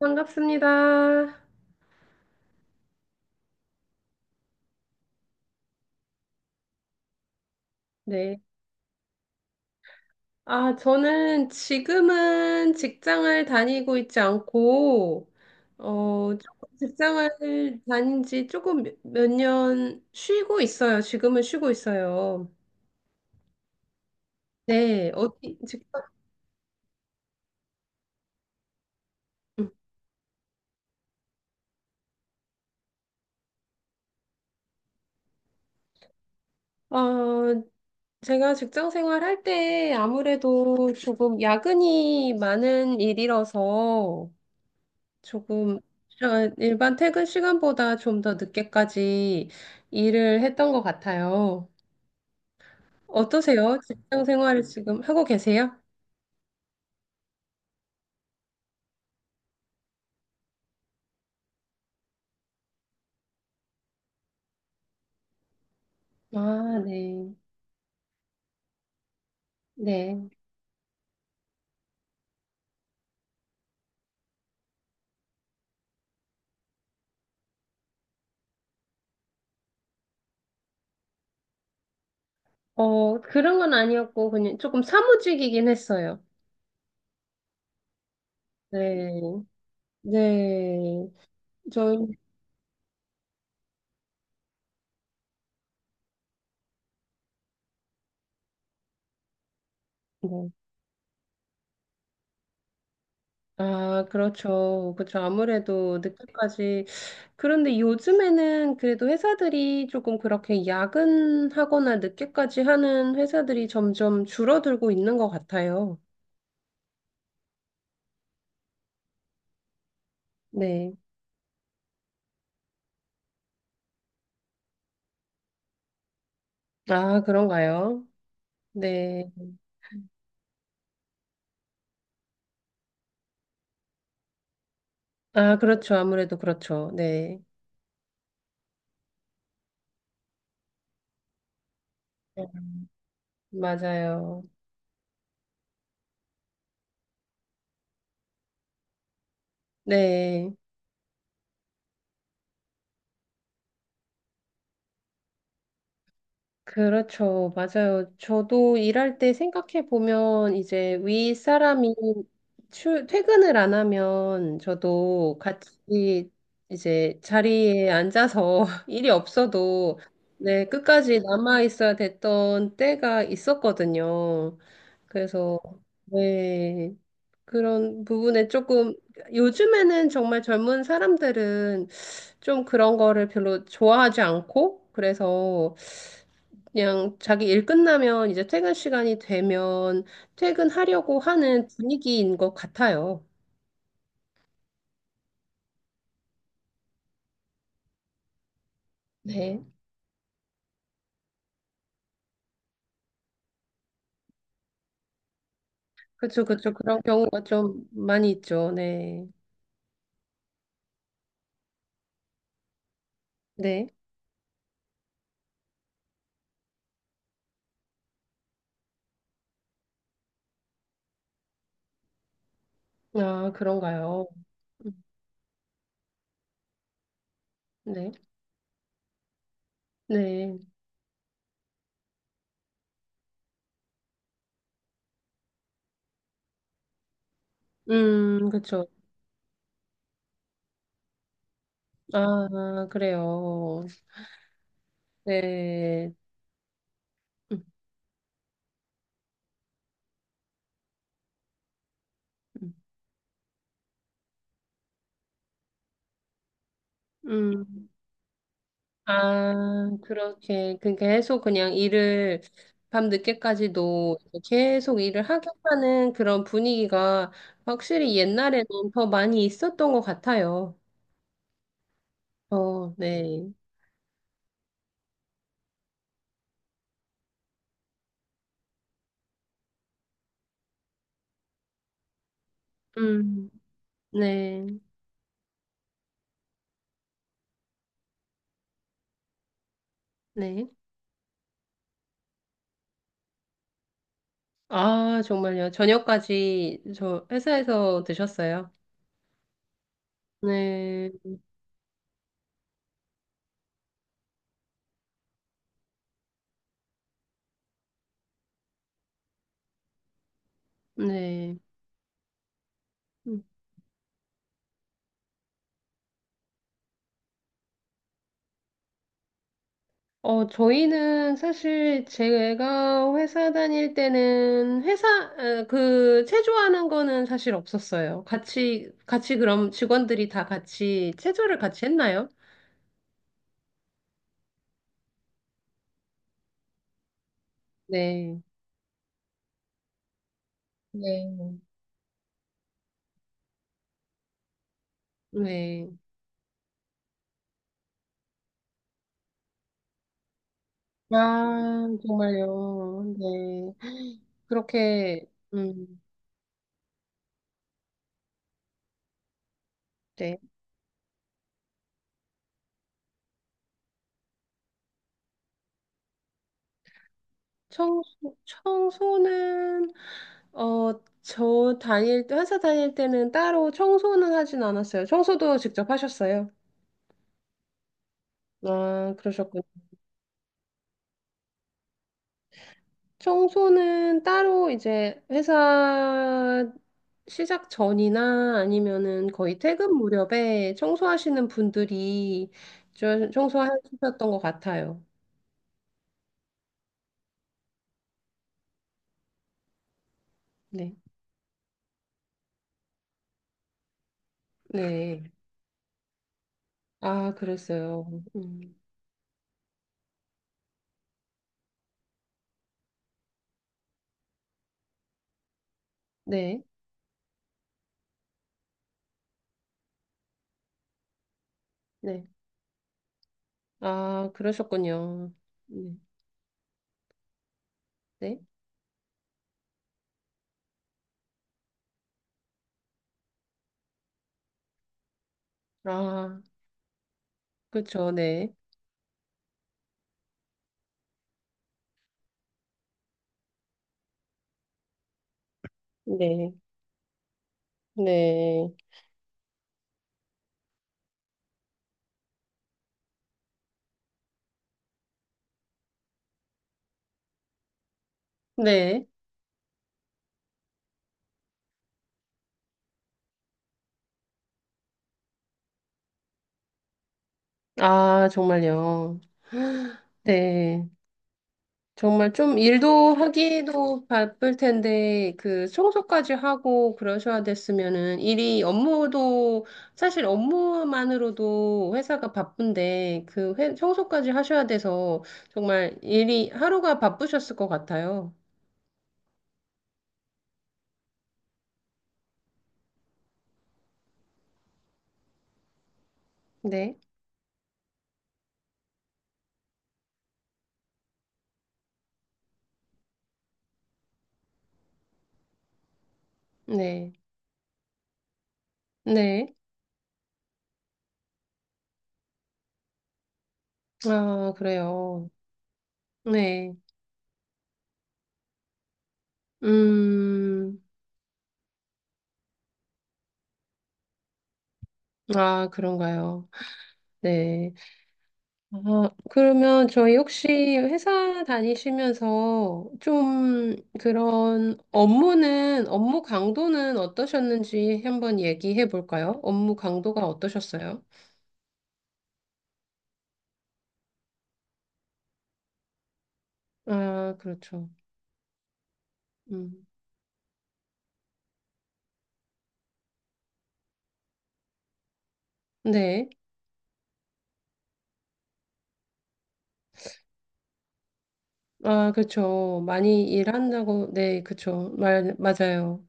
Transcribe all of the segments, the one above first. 반갑습니다. 네. 아, 저는 지금은 직장을 다니고 있지 않고, 조금 직장을 다닌 지 조금 몇 년 쉬고 있어요. 지금은 쉬고 있어요. 네. 어디, 직장, 음. 어, 제가 직장 생활할 때 아무래도 조금 야근이 많은 일이라서, 조금 일반 퇴근 시간보다 좀 더 늦게까지 일을 했던 것 같아요. 어떠세요? 직장 생활을 지금 하고 계세요? 아, 네. 네. 그런 건 아니었고, 그냥 조금 사무직이긴 했어요. 네. 네. 저희, 네. 아, 그렇죠. 그렇죠. 아무래도 늦게까지. 그런데 요즘에는 그래도 회사들이 조금 그렇게 야근하거나 늦게까지 하는 회사들이 점점 줄어들고 있는 것 같아요. 네. 아, 그런가요? 네. 아, 그렇죠. 아무래도 그렇죠. 네. 맞아요. 네. 그렇죠. 맞아요. 저도 일할 때 생각해 보면 이제 윗사람이 출, 퇴근을 안 하면 저도 같이 이제 자리에 앉아서 일이 없어도 네, 끝까지 남아 있어야 됐던 때가 있었거든요. 그래서 네, 그런 부분에 조금 요즘에는 정말 젊은 사람들은 좀 그런 거를 별로 좋아하지 않고 그래서 그냥 자기 일 끝나면 이제 퇴근 시간이 되면 퇴근하려고 하는 분위기인 것 같아요. 네. 그쵸, 그쵸. 그런 경우가 좀 많이 있죠. 네. 네. 아, 그런가요? 음, 네. 네. 그쵸. 아, 그래요. 네. 음, 음. 음. 아, 그렇게, 그 계속 그냥 일을 밤늦게까지도 계속 일을 하게 하는 그런 분위기가 확실히 옛날에는 더 많이 있었던 것 같아요. 어, 네. 음, 네, 네. 아, 정말요. 저녁까지 저 회사에서 드셨어요? 네, 네. 저희는 사실 제가 회사 다닐 때는 회사, 어, 그, 체조하는 거는 사실 없었어요. 같이, 같이 그럼 직원들이 다 같이 체조를 같이 했나요? 네. 네. 네. 아, 정말요. 네. 그렇게, 네. 청소, 청소는, 어, 저 다닐 때, 회사 다닐 때는 따로 청소는 하진 않았어요. 청소도 직접 하셨어요? 아, 그러셨군요. 청소는 따로 이제 회사 시작 전이나 아니면은 거의 퇴근 무렵에 청소하시는 분들이 좀 청소하셨던 것 같아요. 네. 네. 아, 그랬어요. 음. 네. 네. 아, 그러셨군요. 네. 네. 아, 그렇죠. 네. 네. 네. 네. 아, 정말요. 네. 정말 좀 일도 하기도 바쁠 텐데, 그 청소까지 하고 그러셔야 됐으면은 일이 업무도, 사실 업무만으로도 회사가 바쁜데, 그 청소까지 하셔야 돼서 정말 일이 하루가 바쁘셨을 것 같아요. 네, 네, 네. 아, 그래요. 네. 음, 아, 그런가요. 네. 아, 그러면 저희 혹시 회사 다니시면서 좀 그런 업무는, 업무 강도는 어떠셨는지 한번 얘기해 볼까요? 업무 강도가 어떠셨어요? 아, 그렇죠. 음. 네. 아, 그렇죠. 많이 일한다고, 네, 그렇죠. 말, 맞아요.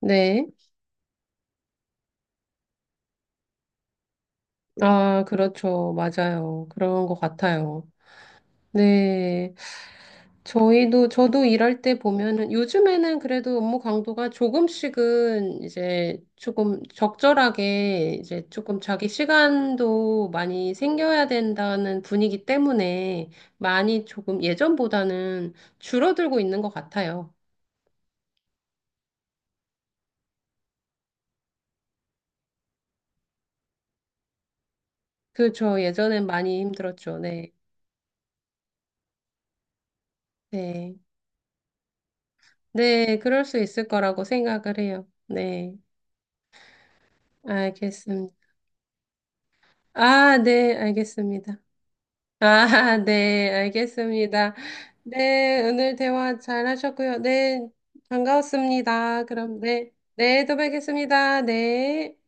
네. 아, 그렇죠. 맞아요. 그런 것 같아요. 네. 저희도, 저도 일할 때 보면은 요즘에는 그래도 업무 강도가 조금씩은 이제 조금 적절하게 이제 조금 자기 시간도 많이 생겨야 된다는 분위기 때문에 많이 조금 예전보다는 줄어들고 있는 것 같아요. 그렇죠. 예전엔 많이 힘들었죠. 네. 네. 네. 그럴 수 있을 거라고 생각을 해요. 네. 알겠습니다. 아, 네. 알겠습니다. 아, 네, 알겠습니다. 네, 오늘 대화 잘 하셨고요. 네, 반가웠습니다. 그럼 네, 네, 또 뵙겠습니다. 네.